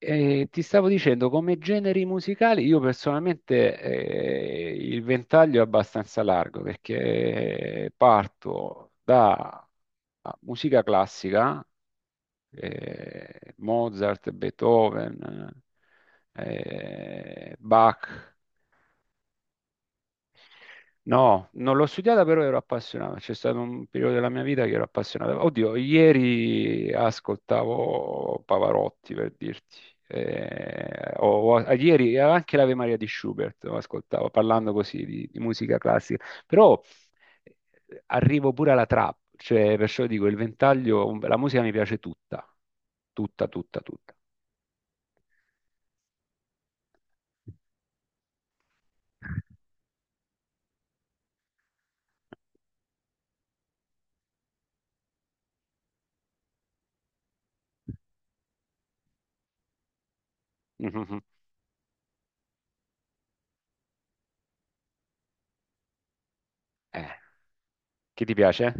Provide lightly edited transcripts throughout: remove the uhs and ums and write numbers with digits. Ti stavo dicendo, come generi musicali, io personalmente il ventaglio è abbastanza largo perché parto da musica classica, Mozart, Beethoven, Bach. No, non l'ho studiata, però ero appassionato. C'è stato un periodo della mia vita che ero appassionato. Oddio, ieri ascoltavo Pavarotti per dirti. Ieri anche l'Ave Maria di Schubert lo ascoltavo, parlando così di musica classica. Però arrivo pure alla trap, cioè, perciò dico, il ventaglio, la musica mi piace tutta, tutta, tutta, tutta. Mhm. Eh, chi ti piace?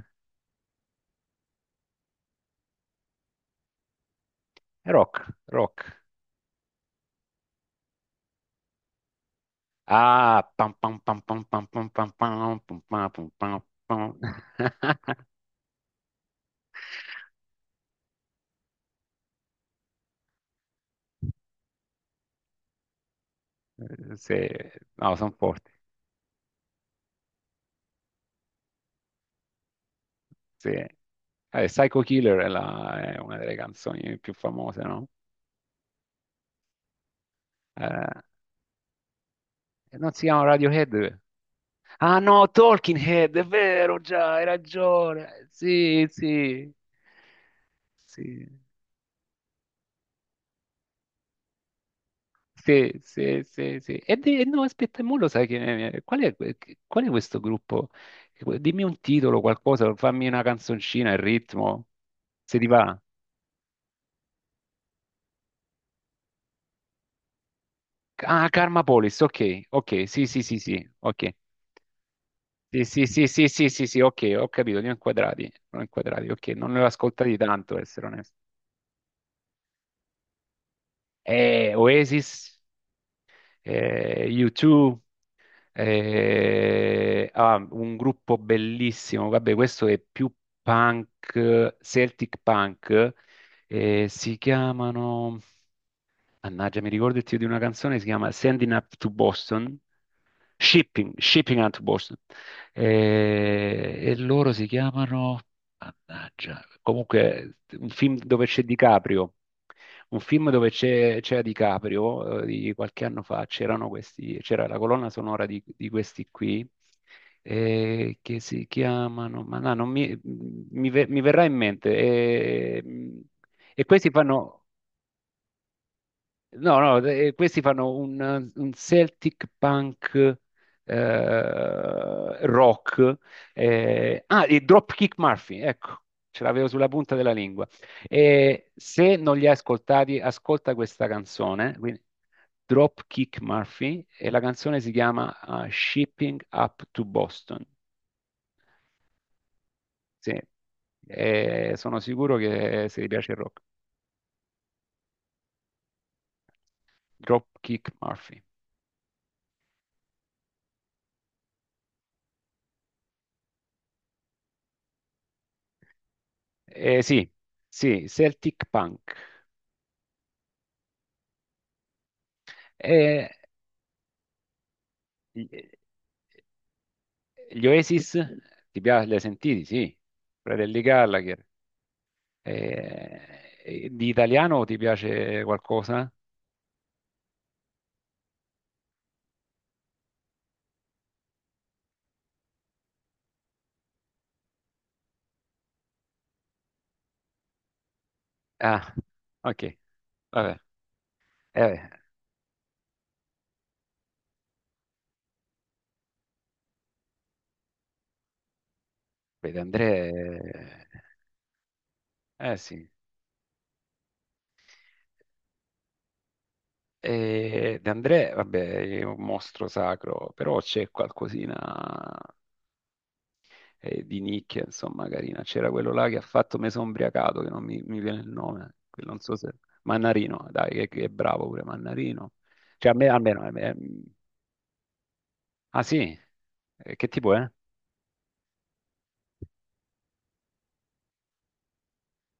Rock, rock. Ah, pam pam pam pam pam pam pam pam pam pam pam pam pam. Sì, no, sono forti. Sì. Psycho Killer è, è una delle canzoni più famose, no? Eh, Non si chiama Radiohead. Ah no, Talking Head, è vero, già, hai ragione. Sì, sì, sì. Sì, sì, sì, sì. E no, aspetta, mo lo sai che... Qual è questo gruppo? Dimmi un titolo, qualcosa, fammi una canzoncina, il ritmo, se ti va. Ah, Karma Police, ok, ok, sì, sì, sì, sì, ok. Sì, sì, sì, sì, sì, sì, sì, ok, ho capito, li ho inquadrati, ok, non ne ho ascoltati tanto, per essere onesto. Oasis, U2, un gruppo bellissimo, vabbè, questo è più punk, Celtic punk, si chiamano, mannaggia, mi ricordo il titolo di una canzone, si chiama Sending Up to Boston, Shipping, Shipping Hunt Wars. E, loro si chiamano, mannaggia, comunque un film dove c'è DiCaprio, un film dove c'era DiCaprio, di qualche anno fa, c'erano questi, c'era la colonna sonora di questi qui, che si chiamano, ma no, non mi verrà in mente, e questi fanno... No, no, questi fanno un Celtic punk rock. I Dropkick Murphy, ecco, ce l'avevo sulla punta della lingua. E se non li hai ascoltati, ascolta questa canzone, quindi Dropkick Murphy, e la canzone si chiama Shipping Up to Boston. Sì, e sono sicuro che se ti piace il rock. Dropkick Murphy. Sì, sì, Celtic punk. E gli gli Oasis, ti piace, li hai sentiti? Sì, Fratelli Gallagher. E di italiano ti piace qualcosa? Ah, ok, vabbè. Eh, beh, De André, eh sì. De André, vabbè, è un mostro sacro, però c'è qualcosina di nicchia, insomma, carina. C'era quello là che ha fatto Me son ubriacato, che non mi viene il nome, che non so se... Mannarino, dai, che è bravo pure Mannarino. Cioè, a me, almeno... Ah, sì? Che tipo è?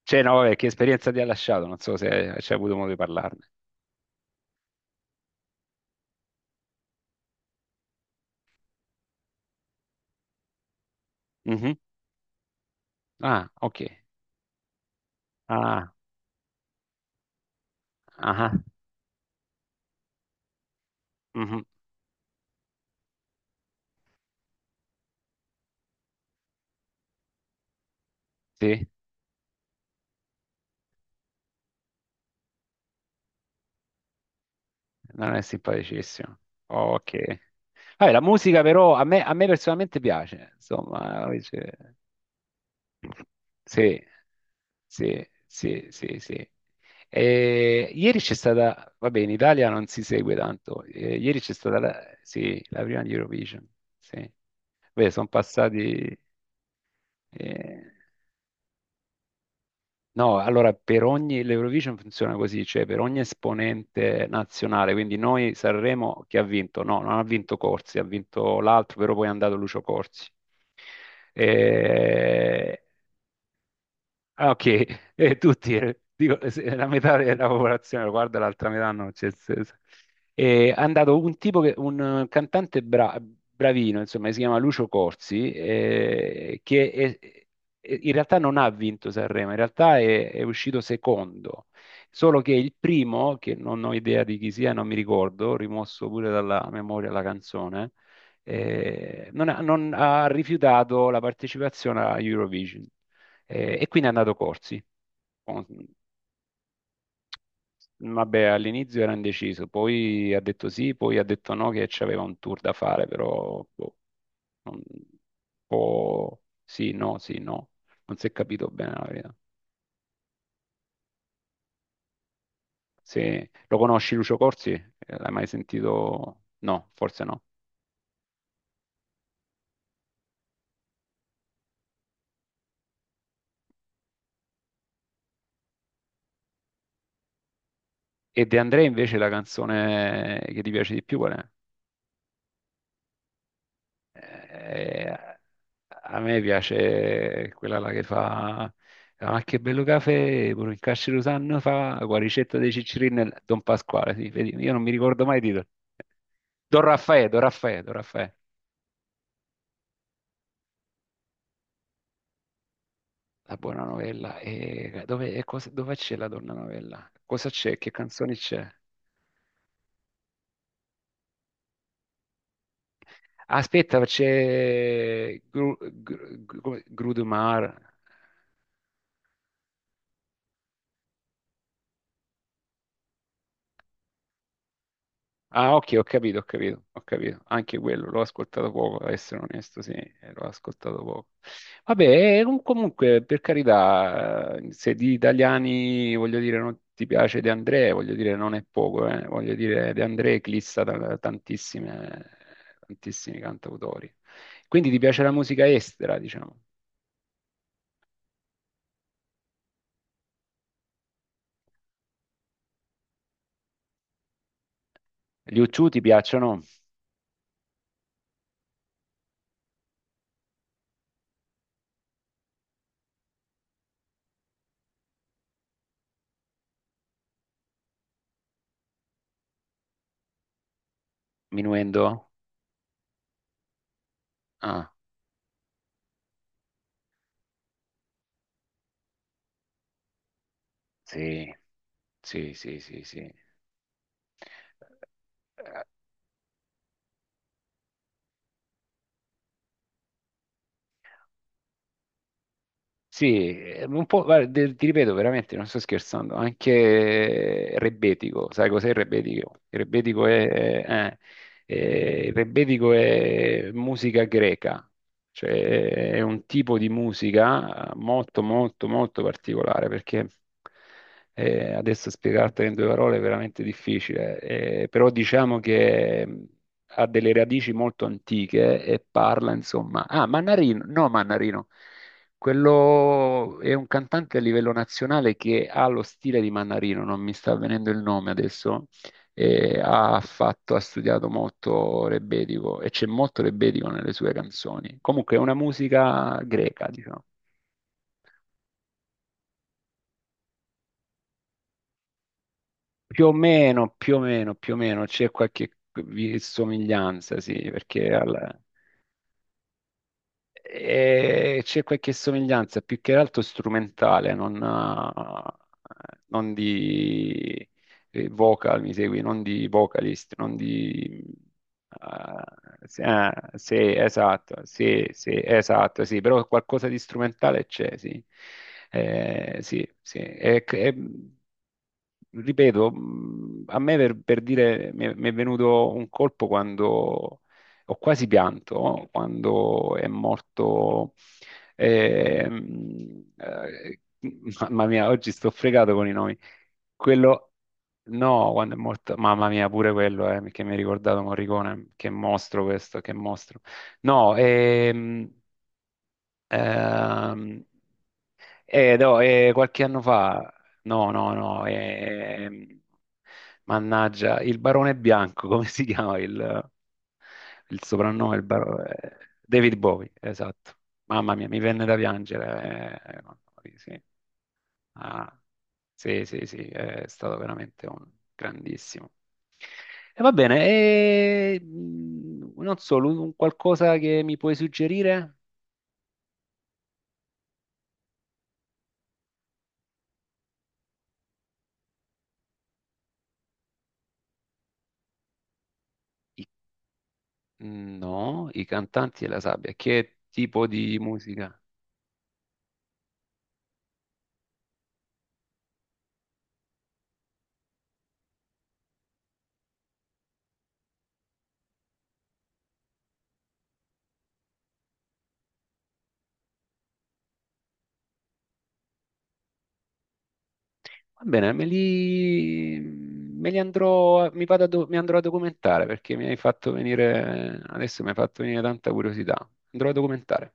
Cioè, no, vabbè, che esperienza ti ha lasciato? Non so se hai c'hai avuto modo di parlarne. Mhm. Ah, ok. Ah, ah, mhm. Sì, non è simpaticissimo. Ok. Vabbè, la musica però a me personalmente piace, insomma. Sì, sì, sì, sì, sì. E ieri c'è stata, vabbè, in Italia non si segue tanto. Ieri c'è stata sì, la prima di Eurovision. Sì. Beh, sono passati. eh, No, allora per ogni l'Eurovision funziona così, cioè per ogni esponente nazionale, quindi noi Sanremo che ha vinto? No, non ha vinto Corsi, ha vinto l'altro, però poi è andato Lucio Corsi. Eh, ok. Tutti, dico, la metà della popolazione lo guarda, l'altra metà no. c'è- c'è- c'è. È andato un tipo, che, un cantante bravino, insomma, si chiama Lucio Corsi, che in realtà non ha vinto Sanremo, in realtà è uscito secondo, solo che il primo, che non ho idea di chi sia, non mi ricordo, rimosso pure dalla memoria la canzone, non ha rifiutato la partecipazione a Eurovision. E quindi è andato Corsi. Con- mm, Vabbè, all'inizio era indeciso, poi ha detto sì, poi ha detto no, che c'aveva un tour da fare, però boh, un po' sì, no, sì, no. Non si è capito bene la verità. Se lo conosci Lucio Corsi? L'hai mai sentito? No, forse no. E De André invece la canzone che ti piace di più qual è? Eh, a me piace quella là che fa Ma che bello caffè, pure il Cascirutano fa Guaricetta dei Ciccirini e Don Pasquale, sì, vedi, io non mi ricordo mai il titolo. Don Raffaè, Don Raffaè, Don Raffaè, la buona novella. Dove c'è la donna novella? Cosa c'è? Che canzoni c'è? Aspetta, c'è Grudemar. Ah, ok, ho capito, ho capito, ho capito. Anche quello l'ho ascoltato poco, a essere onesto, sì, l'ho ascoltato poco. Vabbè, comunque, per carità, se di italiani, voglio dire, non ti piace De André, voglio dire, non è poco, eh. Voglio dire, De André eclissa tantissimi cantautori. Quindi ti piace la musica estera, diciamo. Gli U2 ti piacciono? Minuendo? Ah, sì, sì, sì, sì, sì. Sì, un po', guarda, ti ripeto veramente, non sto scherzando, anche Rebetico, sai cos'è il Rebetico? Il Rebetico è musica greca, cioè è un tipo di musica molto molto molto particolare, perché adesso spiegartela in due parole è veramente difficile, però diciamo che ha delle radici molto antiche e parla insomma... Ah, Mannarino, no Mannarino. Quello è un cantante a livello nazionale che ha lo stile di Mannarino, non mi sta venendo il nome adesso. Ha studiato molto rebetiko e c'è molto rebetiko nelle sue canzoni. Comunque è una musica greca, diciamo. Più o meno, più o meno, più o meno c'è qualche somiglianza, sì. E c'è qualche somiglianza, più che altro strumentale, non di vocal, mi segui, non di vocalist, non di... Eh, sì, sì, esatto, sì, sì, esatto, sì, però qualcosa di strumentale c'è, sì. Sì, sì. Ripeto, a me per dire mi è venuto un colpo quando ho quasi pianto, no? Quando è morto, ehm, eh, mamma mia, oggi sto fregato con i nomi. Quello, no, quando è morto, mamma mia, pure quello, che mi ha ricordato Morricone, che mostro questo, che mostro. No, ehm, no, qualche anno fa, no, no, no, mannaggia, il Barone Bianco, come si chiama il soprannome? David Bowie, esatto. Mamma mia, mi venne da piangere. Mamma mia, sì. Ah, sì, sì, sì, è stato veramente un grandissimo. E va bene, non so, un qualcosa che mi puoi suggerire? I No, i cantanti e la sabbia. Che tipo di musica? Va bene, me li andrò, a- mi vado a do- mi andrò a documentare perché mi hai fatto venire, adesso mi hai fatto venire tanta curiosità. Andrò a documentare.